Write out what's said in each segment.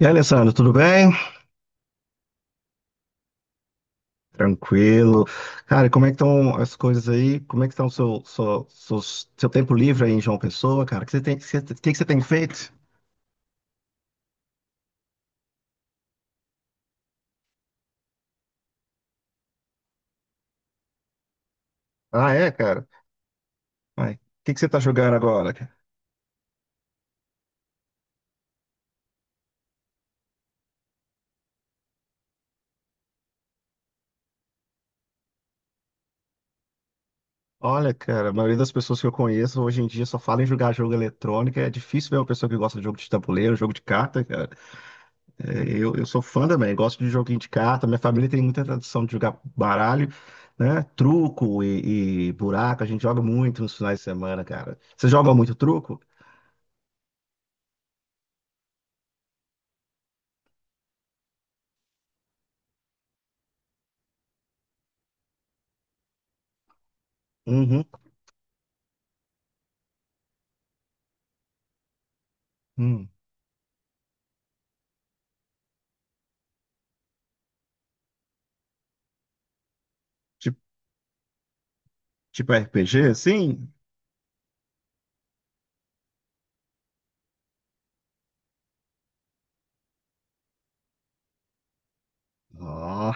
E aí, Alessandro, tudo bem? Tranquilo. Cara, como é que estão as coisas aí? Como é que está o seu tempo livre aí em João Pessoa, cara? O que você tem, que você tem feito? Ah, é, cara? O que que você tá jogando agora, cara? Olha, cara, a maioria das pessoas que eu conheço hoje em dia só fala em jogar jogo eletrônico. É difícil ver uma pessoa que gosta de jogo de tabuleiro, jogo de carta, cara. Eu sou fã também, gosto de joguinho de carta. Minha família tem muita tradição de jogar baralho, né? Truco e buraco, a gente joga muito nos finais de semana, cara. Você joga muito truco? Uhum. Hum. Tipo, tipo RPG, assim? Ó.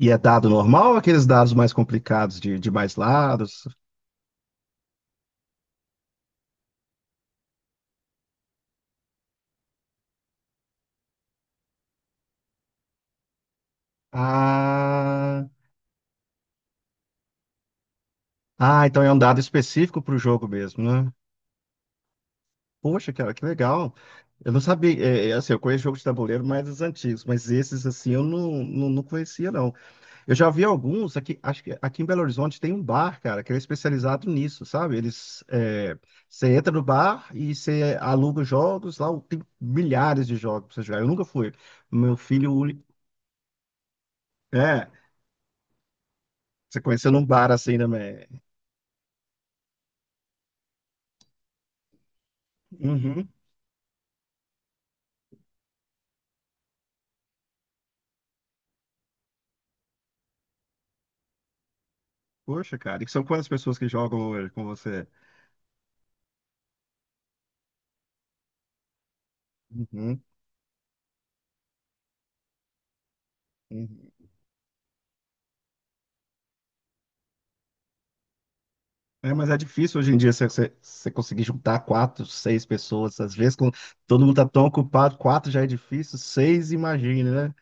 E é dado normal ou aqueles dados mais complicados de mais lados? Ah, ah, então é um dado específico para o jogo mesmo, né? Poxa, cara, que legal. Eu não sabia, é, é, assim, eu conheço jogos de tabuleiro mais os antigos, mas esses, assim, eu não conhecia, não. Eu já vi alguns, aqui, acho que aqui em Belo Horizonte tem um bar, cara, que ele é especializado nisso, sabe? Eles, é, você entra no bar e você aluga os jogos, lá tem milhares de jogos pra você jogar. Eu nunca fui. Meu filho, único- é, você conheceu num bar assim também. Uhum. Poxa, cara, e são quantas pessoas que jogam hoje com você? Uhum. Uhum. É, mas é difícil hoje em dia você conseguir juntar quatro, seis pessoas. Às vezes, quando todo mundo tá tão ocupado, quatro já é difícil, seis, imagine, né?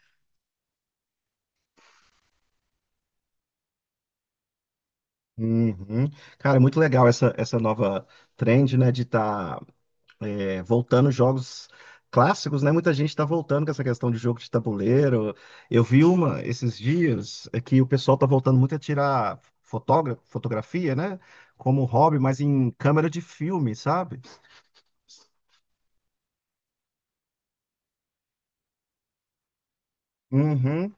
Uhum. Cara, é muito legal essa nova trend, né, de estar voltando jogos clássicos, né? Muita gente está voltando com essa questão de jogo de tabuleiro. Eu vi uma esses dias é que o pessoal tá voltando muito a tirar fotógra fotografia, né? Como hobby, mas em câmera de filme, sabe? Uhum.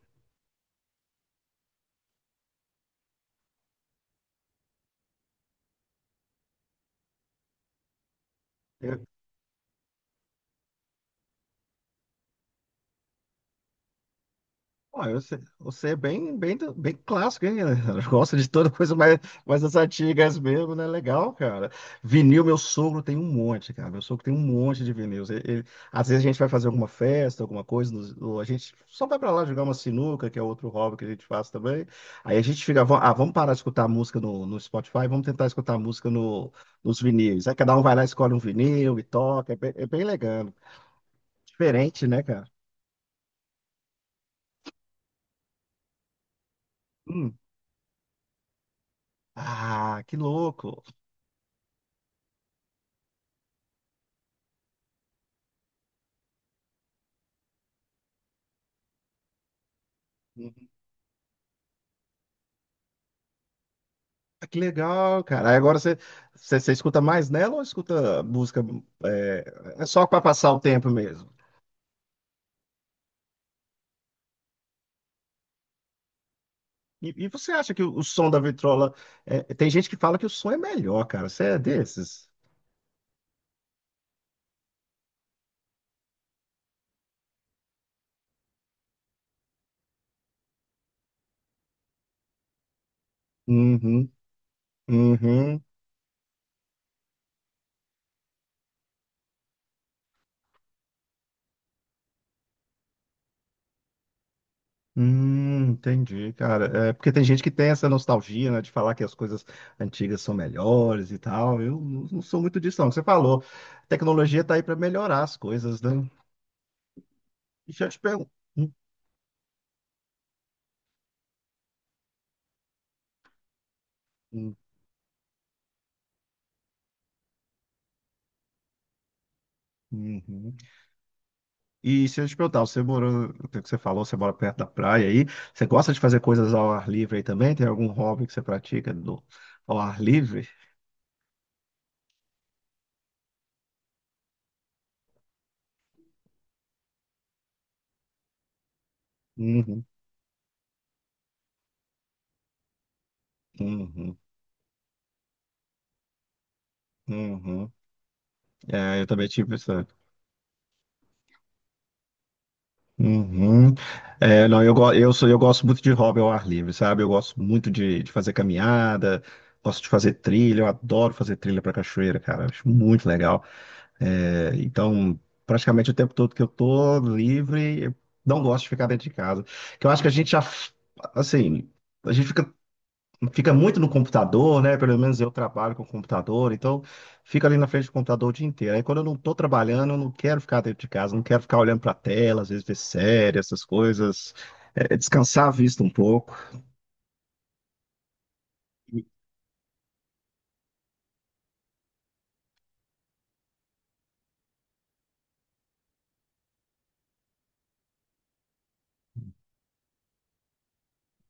Pô, eu você é bem clássico, hein? Gosta de toda coisa mais, mais das antigas mesmo, né? Legal, cara. Vinil, meu sogro tem um monte, cara. Meu sogro tem um monte de vinis. Às vezes a gente vai fazer alguma festa, alguma coisa, ou a gente só vai pra lá jogar uma sinuca, que é outro hobby que a gente faz também. Aí a gente fica, ah, vamos parar de escutar música no, no Spotify, vamos tentar escutar música no, nos vinis." Aí cada um vai lá, escolhe um vinil e toca. É bem legal. Diferente, né, cara? Hum. Ah, que louco. Ah, que legal, cara. Aí agora você escuta mais nela ou escuta música é, é só para passar o tempo mesmo? E você acha que o som da vitrola. É, tem gente que fala que o som é melhor, cara. Você é desses? Uhum, uhum. Entendi, cara. É, porque tem gente que tem essa nostalgia, né, de falar que as coisas antigas são melhores e tal. Eu não sou muito disso, não. Você falou, a tecnologia tá aí para melhorar as coisas, né? Deixa eu te perguntar. E se eu te perguntar, você morou, o que você falou, você mora perto da praia aí, você gosta de fazer coisas ao ar livre aí também? Tem algum hobby que você pratica do, ao ar livre? Uhum, uhum, uhum. É, eu também tive isso. Uhum. É, não, eu, go- eu, sou, eu gosto muito de hobby ao ar livre, sabe? Eu gosto muito de fazer caminhada, gosto de fazer trilha, eu adoro fazer trilha para cachoeira, cara, acho muito legal. É, então, praticamente o tempo todo que eu tô livre, eu não gosto de ficar dentro de casa. Que eu acho que a assim, a fica muito no computador, né? Pelo menos eu trabalho com computador, então fica ali na frente do computador o dia inteiro. Aí quando eu não tô trabalhando, eu não quero ficar dentro de casa, não quero ficar olhando pra tela, às vezes ver série, essas coisas, é, descansar a vista um pouco.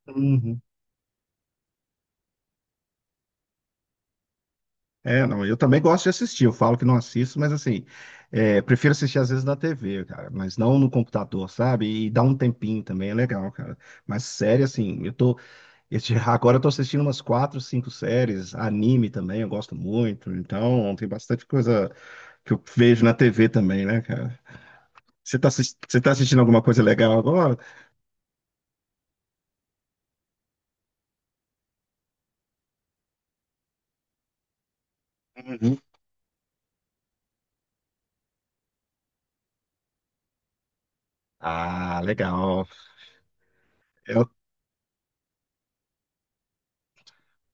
Uhum. É, não, eu também gosto de assistir. Eu falo que não assisto, mas assim, é, prefiro assistir às vezes na TV, cara, mas não no computador, sabe? E dá um tempinho também, é legal, cara. Mas série, assim, agora eu tô assistindo umas quatro, cinco séries, anime também, eu gosto muito. Então, tem bastante coisa que eu vejo na TV também, né, cara? Você você tá assistindo alguma coisa legal agora? Uhum. Ah, legal. É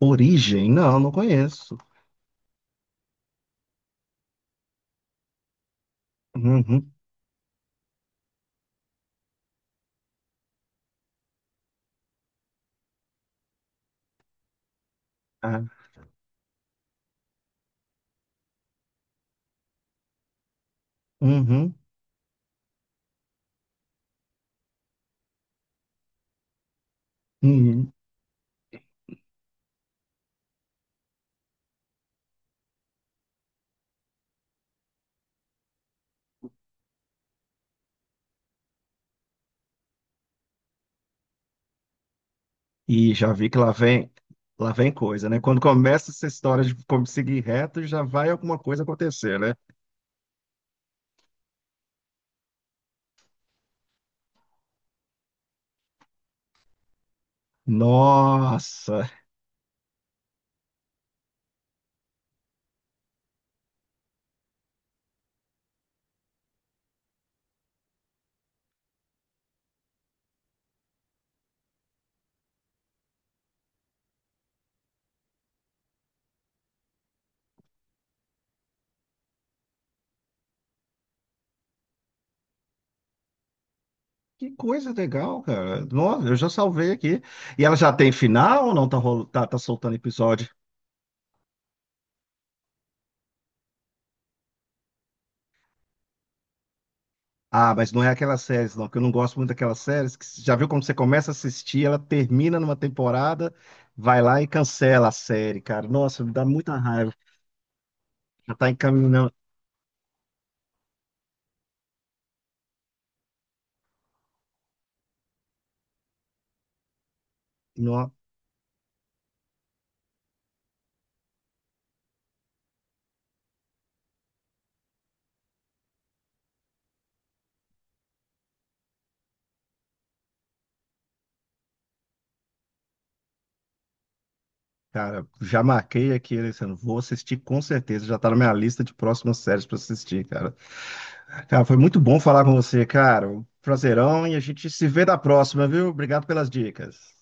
Origem? Não, não conheço. Uhum. Ah, uhum. Uhum. E já vi que lá vem coisa, né? Quando começa essa história de como seguir reto, já vai alguma coisa acontecer, né? Nossa, que coisa legal, cara. Nossa, eu já salvei aqui. E ela já tem final ou não tá, tá soltando episódio? Ah, mas não é aquelas séries, não, que eu não gosto muito daquelas séries que já viu como você começa a assistir, ela termina numa temporada, vai lá e cancela a série, cara. Nossa, me dá muita raiva. Já tá encaminhando. Cara, já marquei aqui, Alessandro. Vou assistir com certeza. Já tá na minha lista de próximas séries pra assistir, cara. Cara, foi muito bom falar com você, cara. Um Prazerão e a gente se vê na próxima, viu? Obrigado pelas dicas.